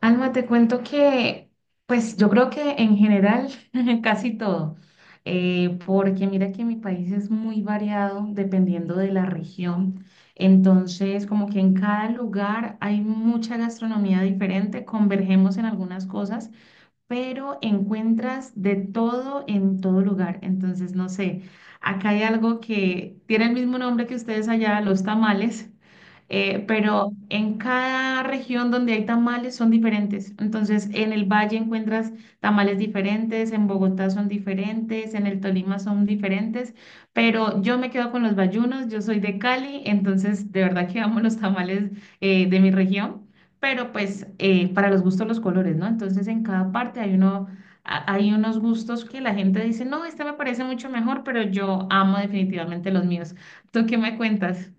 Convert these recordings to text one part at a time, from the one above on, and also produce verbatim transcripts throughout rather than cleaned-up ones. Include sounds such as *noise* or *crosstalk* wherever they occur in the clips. Alma, te cuento que, pues yo creo que en general *laughs* casi todo, eh, porque mira que mi país es muy variado dependiendo de la región, entonces como que en cada lugar hay mucha gastronomía diferente, convergemos en algunas cosas, pero encuentras de todo en todo lugar, entonces no sé, acá hay algo que tiene el mismo nombre que ustedes allá, los tamales eh, pero en cada región donde hay tamales son diferentes. Entonces, en el Valle encuentras tamales diferentes, en Bogotá son diferentes, en el Tolima son diferentes, pero yo me quedo con los bayunos, yo soy de Cali, entonces de verdad que amo los tamales eh, de mi región, pero pues eh, para los gustos los colores, ¿no? Entonces, en cada parte hay uno... a- Hay unos gustos que la gente dice, no, este me parece mucho mejor, pero yo amo definitivamente los míos. ¿Tú qué me cuentas?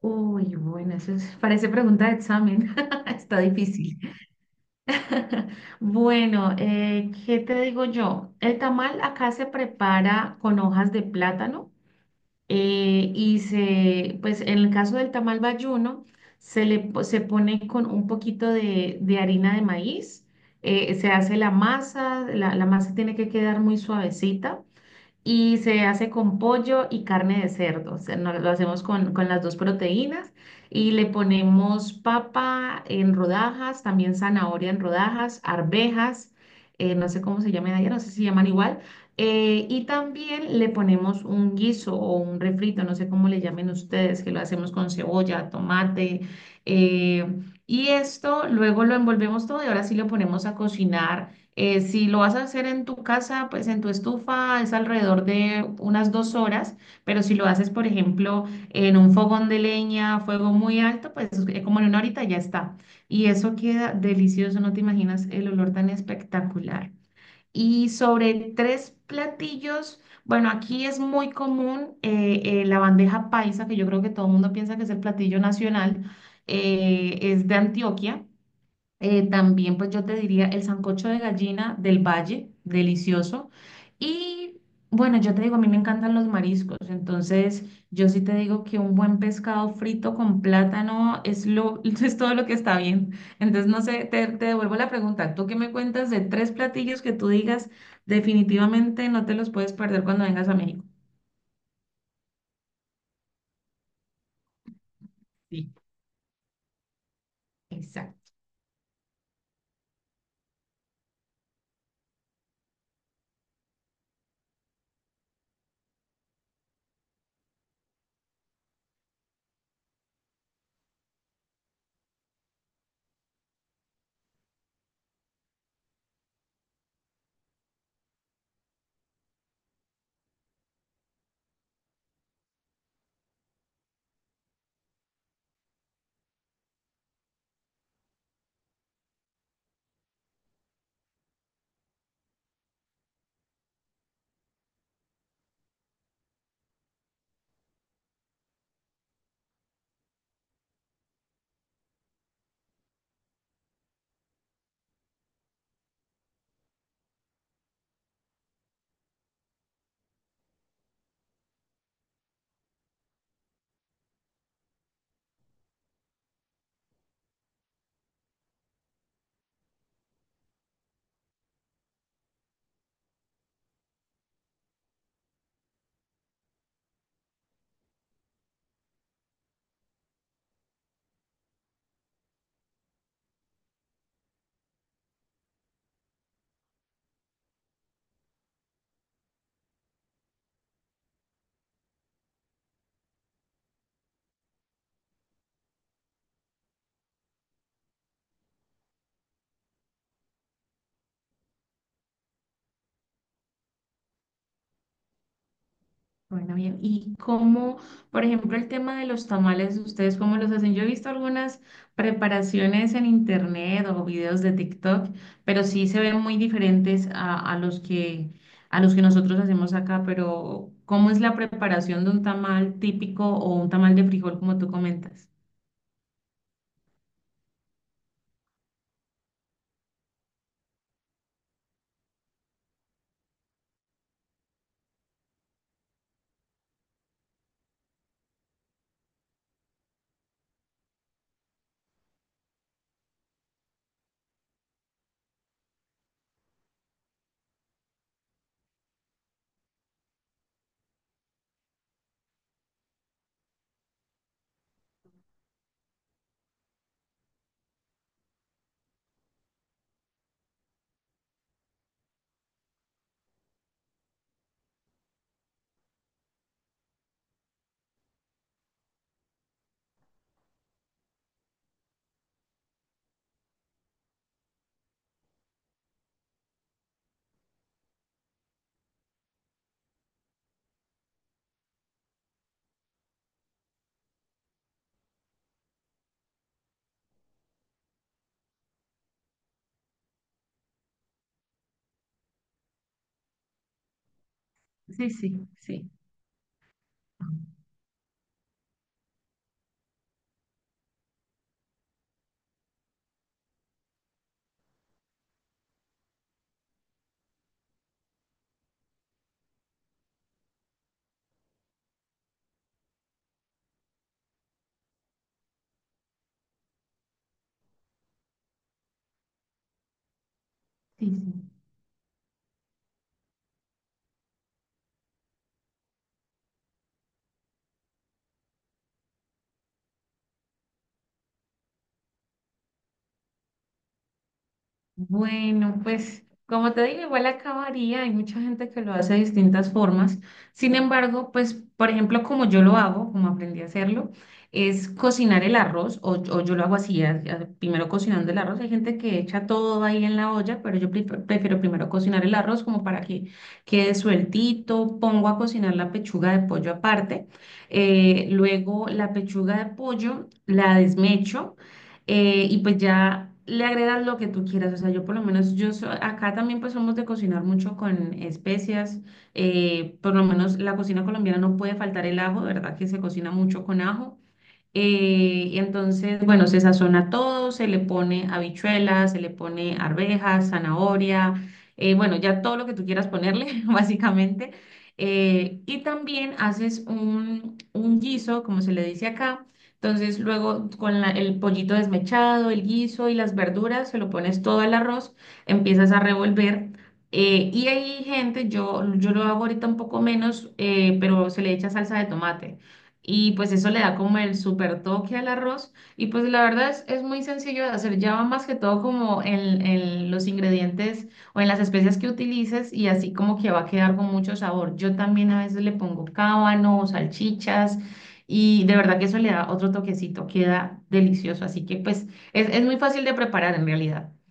Uy, bueno, eso es- parece pregunta de examen. *laughs* Está difícil. *laughs* Bueno, eh, ¿qué te digo yo? El tamal acá se prepara con hojas de plátano eh, y se, pues en el caso del tamal bayuno, se le po- se pone con un poquito de, de harina de maíz, eh, se hace la masa, la, la masa tiene que quedar muy suavecita y se hace con pollo y carne de cerdo. O sea, no- lo hacemos con, con las dos proteínas y le ponemos papa en rodajas, también zanahoria en rodajas, arvejas, eh, no sé cómo se llaman allá, no sé si se llaman igual. Eh, y también le ponemos un guiso o un refrito, no sé cómo le llamen ustedes, que lo hacemos con cebolla, tomate. eh, y esto luego lo envolvemos todo y ahora sí lo ponemos a cocinar eh, si lo vas a hacer en tu casa, pues en tu estufa es alrededor de unas dos horas, pero si lo haces, por ejemplo, en un fogón de leña, fuego muy alto, pues eh, como en una horita ya está. Y eso queda delicioso, no te imaginas el olor tan espectacular. Y sobre tres platillos, bueno, aquí es muy común eh, eh, la bandeja paisa, que yo creo que todo el mundo piensa que es el platillo nacional, eh, es de Antioquia. Eh, también, pues yo te diría el sancocho de gallina del Valle, delicioso. Y bueno, yo te digo, a mí me encantan los mariscos, entonces yo sí te digo que un buen pescado frito con plátano es lo, *laughs* es todo lo que está bien. Entonces, no sé, te, te devuelvo la pregunta. ¿Tú qué me cuentas de tres platillos que tú digas definitivamente no te los puedes perder cuando vengas a México? Sí, exacto. Bueno, bien. ¿Y cómo, por ejemplo, el tema de los tamales, ustedes cómo los hacen? Yo he visto algunas preparaciones en internet o videos de TikTok, pero sí se ven muy diferentes a, a los que, a los que nosotros hacemos acá. Pero, ¿cómo es la preparación de un tamal típico o un tamal de frijol, como tú comentas? Sí, sí, sí. Sí, sí. Bueno, pues como te digo, igual acabaría, hay mucha gente que lo hace de distintas formas. Sin embargo, pues por ejemplo, como yo lo hago, como aprendí a hacerlo, es cocinar el arroz o, o yo lo hago así, a- a- primero cocinando el arroz. Hay gente que echa todo ahí en la olla, pero yo pre- prefiero primero cocinar el arroz como para que quede sueltito. Pongo a cocinar la pechuga de pollo aparte. Eh, luego la pechuga de pollo la desmecho eh, y pues ya le agregas lo que tú quieras. O sea, yo por lo menos, yo so- acá también pues somos de cocinar mucho con especias. Eh, por lo menos la cocina colombiana no puede faltar el ajo, de ¿verdad? Que se cocina mucho con ajo. Eh, y entonces, bueno, se sazona todo, se le pone habichuelas, se le pone arvejas, zanahoria, eh, bueno, ya todo lo que tú quieras ponerle, *laughs* básicamente. Eh, y también haces un, un guiso, como se le dice acá. Entonces, luego con la- el pollito desmechado, el guiso y las verduras, se lo pones todo al arroz, empiezas a revolver. Eh, y hay gente, yo, yo lo hago ahorita un poco menos, eh, pero se le echa salsa de tomate. Y pues eso le da como el super toque al arroz. Y pues la verdad es, es muy sencillo de hacer. Ya va más que todo como en, en los ingredientes o en las especias que utilices y así como que va a quedar con mucho sabor. Yo también a veces le pongo cábano o salchichas y de verdad que eso le da otro toquecito. Queda delicioso. Así que pues es, es muy fácil de preparar en realidad. *laughs*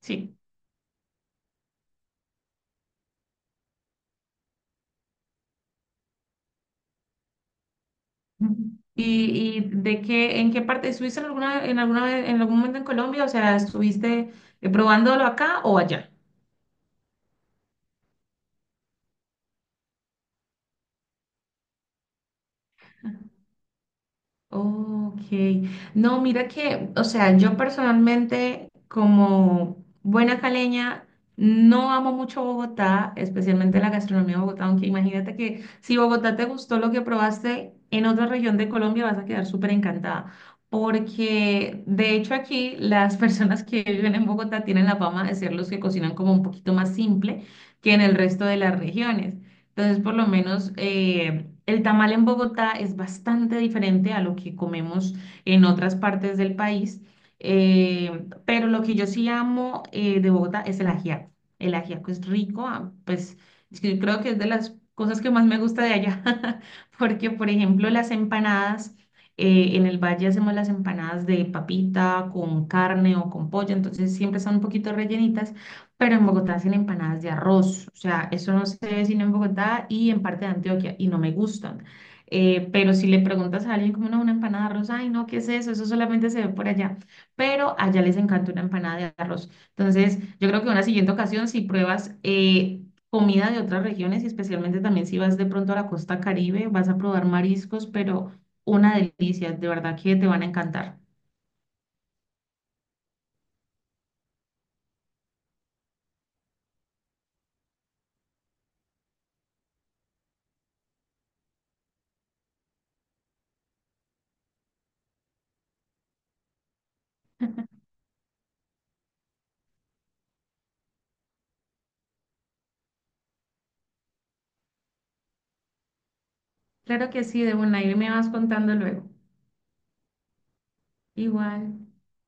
Sí. ¿Y, y de qué, en qué parte, estuviste en alguna, en alguna vez- en algún momento en Colombia? O sea, ¿estuviste eh, probándolo acá o allá? Ok. No, mira que, o sea, yo personalmente como buena caleña no amo mucho Bogotá, especialmente la gastronomía de Bogotá, aunque imagínate que si Bogotá te gustó lo que probaste en otra región de Colombia vas a quedar súper encantada, porque de hecho aquí las *laughs* personas que viven en Bogotá tienen la fama de ser los que cocinan como un poquito más simple que en el resto de las regiones. Entonces, por lo menos eh, el tamal en Bogotá es bastante diferente a lo que comemos en otras partes del país, eh, pero lo que yo sí amo eh, de Bogotá es el ajiaco. El ajiaco es rico, ah, pues es que yo creo que es de las cosas que más me gusta de allá, *laughs* porque por ejemplo las empanadas, eh, en el valle hacemos las empanadas de papita con carne o con pollo, entonces siempre están un poquito rellenitas pero en Bogotá hacen empanadas de arroz, o sea, eso no se ve sino en Bogotá y en parte de Antioquia, y no me gustan. Eh, pero si le preguntas a alguien como no, una empanada de arroz, ay, no, ¿qué es eso? Eso solamente se ve por allá, pero allá les encanta una empanada de arroz. Entonces, yo creo que en una siguiente ocasión, si pruebas eh, comida de otras regiones, y especialmente también si vas de pronto a la costa Caribe, vas a probar mariscos, pero una delicia, de verdad que te van a encantar. Claro que sí, de una, y me vas contando luego. Igual.